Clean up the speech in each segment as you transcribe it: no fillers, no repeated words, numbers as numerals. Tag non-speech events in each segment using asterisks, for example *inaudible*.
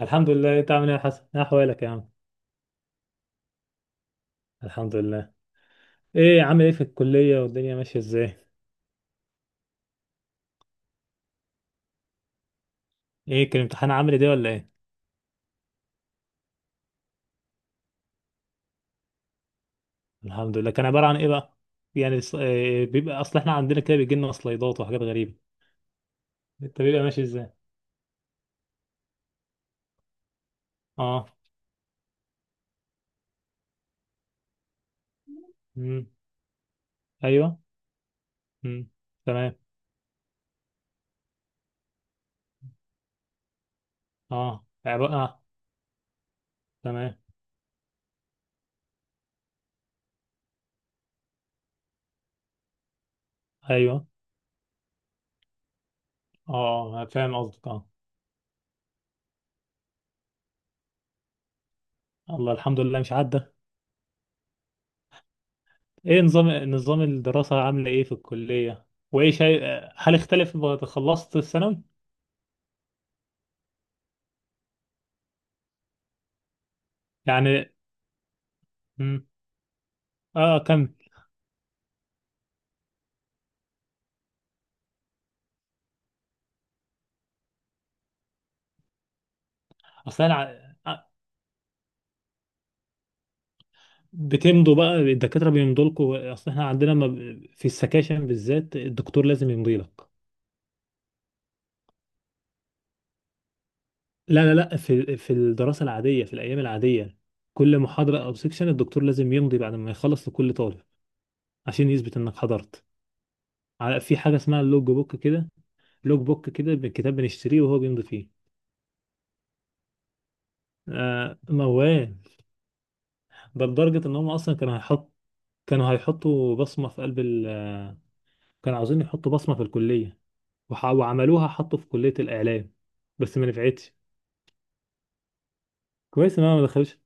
الحمد لله. إيه، انت عامل ايه يا حسن، ايه احوالك يا عم؟ الحمد لله. ايه عامل ايه في الكليه والدنيا ماشيه ازاي؟ ايه كان الامتحان عامل ايه ده ولا ايه؟ الحمد لله. كان عباره عن ايه بقى؟ يعني إيه بيبقى، اصل احنا عندنا كده بيجي لنا سلايدات وحاجات غريبه. انت بيبقى ماشي ازاي؟ اه. امم. ايوه. امم. تمام. اه عباره اه. تمام. ايوه. اه فاهم قصدك، اه. الله، الحمد لله مش عدى. ايه نظام، نظام الدراسه عامله ايه في الكليه؟ وايه شيء، هل اختلف بعد خلصت الثانوي؟ يعني اه كمل. اصل انا بتمضوا بقى الدكاتره، بيمضوا لكم؟ اصل احنا عندنا ما ب- في السكاشن بالذات الدكتور لازم يمضي لك. لا في الدراسه العاديه، في الايام العاديه كل محاضره او سكشن الدكتور لازم يمضي بعد ما يخلص لكل طالب عشان يثبت انك حضرت. في حاجه اسمها اللوج بوك كده. لوج بوك كده، الكتاب بنشتريه وهو بيمضي فيه. آه موال. ده لدرجه ان هم اصلا كانوا هيحطوا بصمه في قلب ال آه، كانوا عاوزين يحطوا بصمه في الكليه وعملوها، حطوا في كلية الإعلام، بس ما نفعتش. كويس إن أنا ما دخلش.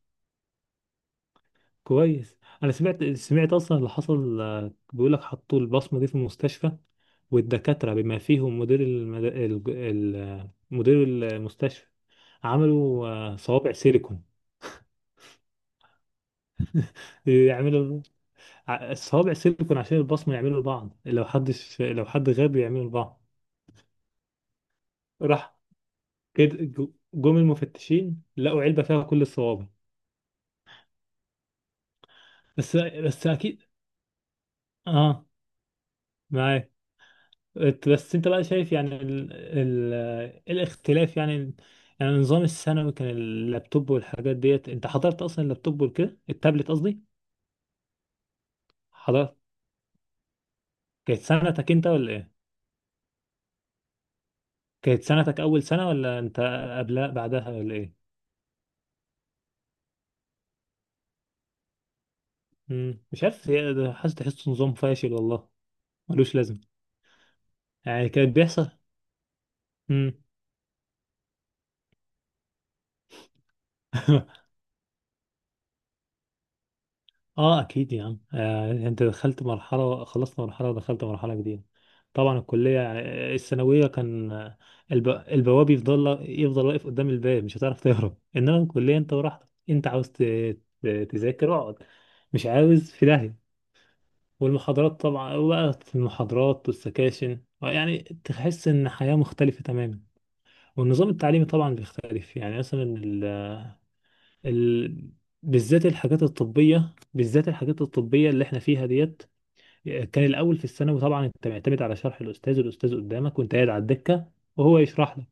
كويس، أنا سمعت أصلا اللي حصل، بيقول لك حطوا البصمة دي في المستشفى، والدكاترة بما فيهم مدير المد... ال... ال... آه، مدير المستشفى عملوا صوابع سيليكون. يعملوا الصوابع سيليكون عشان البصمة يعملوا لبعض، لو حدش لو حد غاب يعملوا لبعض. راح كده جم المفتشين لقوا علبة فيها كل الصوابع. بس بس أكيد. آه. معاك. بس انت بقى شايف يعني الاختلاف يعني. يعني النظام الثانوي كان اللابتوب والحاجات ديت، انت حضرت اصلا اللابتوب وكده، التابلت قصدي. حضرت. كانت سنتك انت ولا ايه؟ كانت سنتك اول سنة، ولا انت قبلها بعدها ولا ايه؟ مش عارف، هي ده حاسس تحسه نظام فاشل والله، ملوش لازمه. يعني كان بيحصل. مم. *laughs* اه اكيد يا عم. انت دخلت مرحله، خلصت مرحله ودخلت مرحله جديده. طبعا الكليه يعني، الثانويه كان البواب يفضل واقف قدام الباب، مش هتعرف تهرب. *laughs* انما الكليه انت براحتك، انت تذاكر اقعد، مش عاوز في داهيه. والمحاضرات طبعا، وبقى في المحاضرات والسكاشن يعني تحس ان حياه مختلفه تماما. والنظام التعليمي طبعا بيختلف، يعني مثلا ال... بالذات الحاجات الطبيه، اللي احنا فيها ديت. كان الاول في الثانوي طبعا انت معتمد على شرح الاستاذ، قدامك وانت قاعد على الدكه وهو يشرح لك.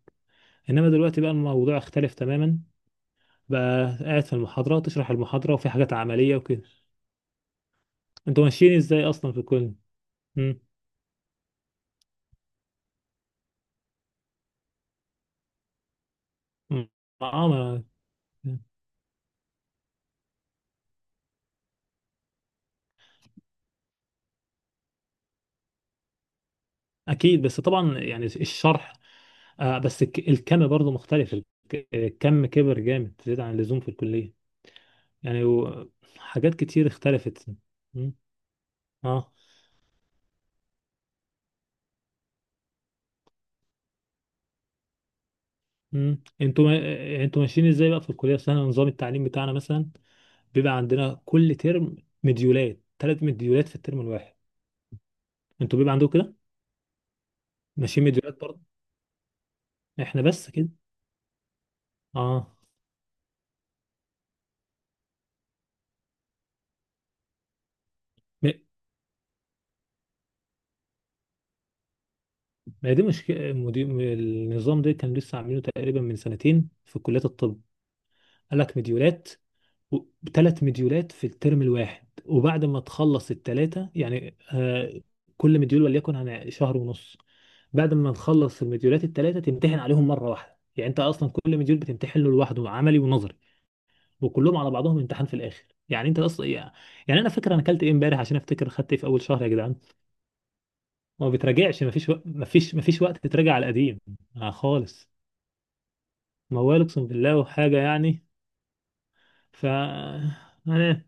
انما دلوقتي بقى الموضوع اختلف تماما، بقى قاعد في المحاضره تشرح المحاضره، وفي حاجات عمليه وكده. انتوا ماشيين ازاي اصلا في الكل؟ مم. مم. اه ما- اكيد، بس طبعا يعني الشرح آه. بس الكم برضه مختلف، الكم كبر جامد زيادة عن اللزوم في الكليه. يعني و- حاجات كتير اختلفت. مم. اه. مم. انتوا ما... انتوا ماشيين ازاي بقى في الكليه؟ اصل احنا نظام التعليم بتاعنا مثلا بيبقى عندنا كل ترم ثلاث مديولات في الترم الواحد. انتوا بيبقى عندكم كده، ماشيين مديولات برضه؟ احنا بس كده. اه. ما ما دي مشكله النظام ده كان لسه عاملينه تقريبا من سنتين في كليه الطب. قال لك مديولات، ثلاث مديولات في الترم الواحد، وبعد ما تخلص الثلاثه يعني آه كل مديول وليكن عن شهر ونص. بعد ما نخلص المديولات الثلاثه تمتحن عليهم مره واحده. يعني انت اصلا كل مديول بتمتحن له لوحده، عملي ونظري، وكلهم على بعضهم امتحان في الاخر. يعني انت اصلا يعني، يعني انا فاكر انا اكلت ايه امبارح عشان افتكر خدت ايه في اول شهر يا جدعان. ما بتراجعش، ما فيش وقت تتراجع على القديم آه خالص. موال، اقسم بالله وحاجه يعني. ف أنا...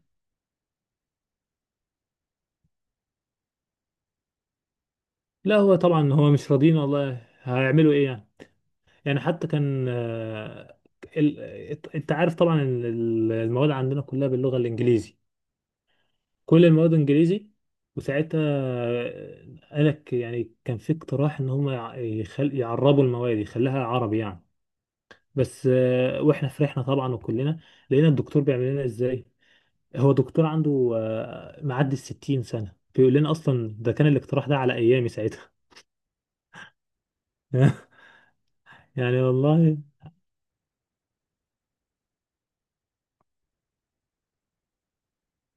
لا هو طبعا هو مش راضيين، والله هيعملوا ايه يعني. يعني حتى كان ال... انت عارف طبعا إن المواد عندنا كلها باللغه الانجليزي، كل المواد انجليزي. وساعتها قالك يعني كان في اقتراح ان هم يعربوا المواد يخليها عربي يعني. بس واحنا فرحنا طبعا وكلنا، لقينا الدكتور بيعمل لنا ازاي. هو دكتور عنده معدي 60 سنة بيقول لنا اصلا ده كان الاقتراح ده على ايامي ساعتها. *laughs* يعني والله.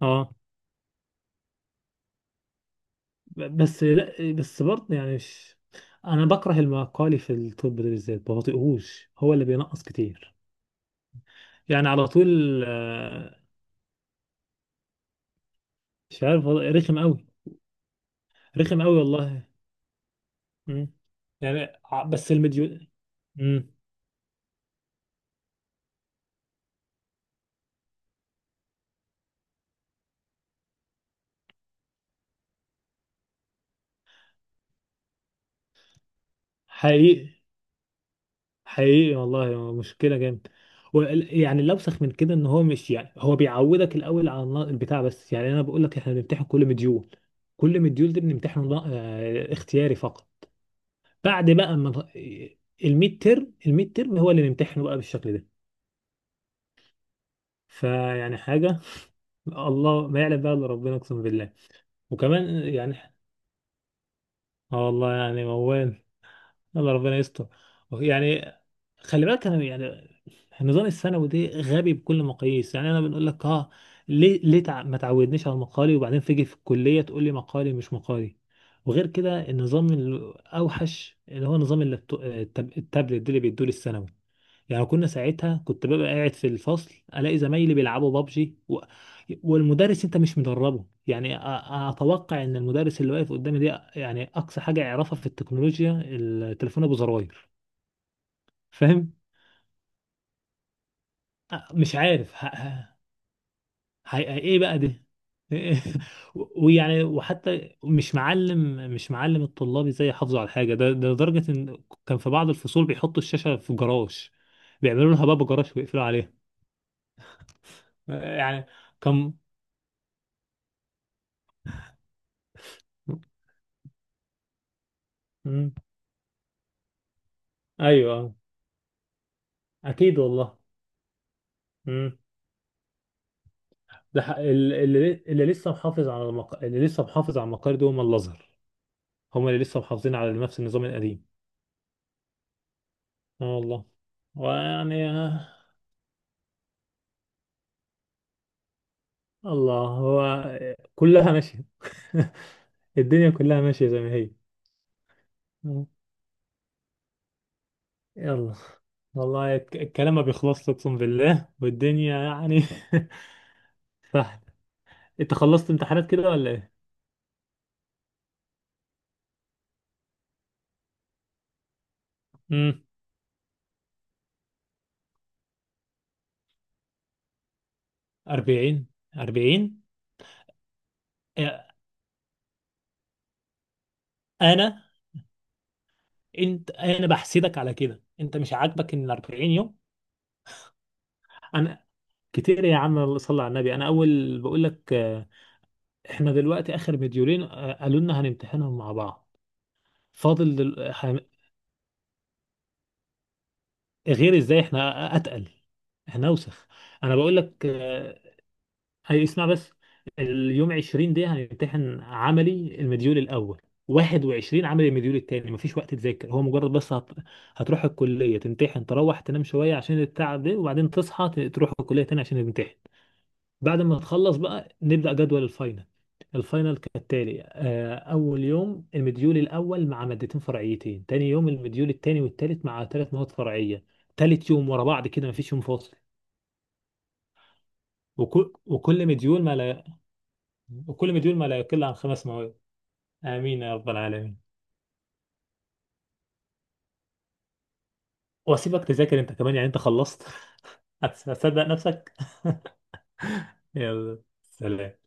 اه بس لا، بس برضه يعني مش، انا بكره المقالي في الطب ده بالذات، بطيقهوش هو اللي بينقص كتير يعني على طول. مش عارف والله رخم قوي. رخم قوي والله. مم. بس مم. حقيقي، حقيقي والله مشكلة جامد. يعني الأوسخ من كده إن هو مش يعني، هو بيعودك الأول على البتاع. بس يعني أنا بقول لك، إحنا بنمتحن كل مديول، كل مديول دي بنمتحنه اختياري فقط. بعد بقى ما الميد ترم، هو اللي نمتحنه بقى بالشكل ده. فيعني حاجة، *laughs* الله ما يعلم بقى إلا ربنا أقسم بالله. وكمان يعني اه والله يعني موال، الله ربنا يستر يعني. خلي بالك انا يعني النظام الثانوي ده غبي بكل مقاييس، يعني انا بنقول لك اه، ليه ما تعودنيش على المقالي وبعدين تيجي في الكليه تقول لي مقالي مش مقالي. وغير كده النظام الاوحش اللي هو نظام التابلت ده اللي بيدوه للثانوي. يعني كنا ساعتها، كنت ببقى قاعد في الفصل الاقي زمايلي بيلعبوا بابجي والمدرس انت مش مدربه. يعني اتوقع ان المدرس اللي واقف قدامي دي يعني اقصى حاجه يعرفها في التكنولوجيا التليفون ابو زراير. فاهم؟ مش عارف ايه بقى ده. *laughs* و- ويعني وحتى مش معلم الطلاب ازاي يحافظوا على الحاجه ده. ده لدرجه ان كان في بعض الفصول بيحطوا الشاشه في جراج، بيعملوا لها باب جراج ويقفلوا عليها. يعني كان، مم. ايوه آه. اكيد والله. مم. اللي اللي لسه محافظ على المق... اللي لسه محافظ على المقال دول هم الازهر، هم اللي لسه محافظين على نفس النظام القديم. اه والله. ويعني آه، الله هو، كلها ماشيه. *laughs* الدنيا كلها ماشيه زي ما هي. مم. يلا. والله الكلام ما بيخلصش اقسم بالله والدنيا يعني. *laughs* صح. انت خلصت امتحانات كده ولا ايه؟ امم. 40. 40. انا انا بحسدك على كده، انت مش عاجبك ان ال 40 يوم؟ انا كتير يا عم؟ الله صلى على النبي. انا اول بقول لك آه، احنا دلوقتي اخر مديولين، آه، قالوا لنا هنمتحنهم مع بعض. فاضل غير ازاي؟ احنا اتقل، احنا اوسخ. انا بقول لك آه، هي اسمع بس. اليوم 20 دي هنمتحن عملي المديول الاول، 21 عملي المديول التاني. مفيش وقت تذاكر، هو مجرد بس هتروح الكليه تمتحن، تروح تنام شويه عشان التعب ده، وبعدين تصحى تروح الكليه تاني عشان تمتحن. بعد ما تخلص بقى نبدا جدول الفاينل. الفاينل كالتالي، آه، اول يوم المديول الاول مع مادتين فرعيتين، تاني يوم المديول التاني والتالت مع ثلاث مواد فرعيه، تالت يوم ورا بعض كده مفيش يوم فاصل. وكل مديول ما لا وكل مديول ما لا يقل عن خمس مواد. آمين يا رب العالمين. وأسيبك تذاكر أنت كمان، يعني أنت خلصت. *laughs* هتصدق نفسك. يلا سلام.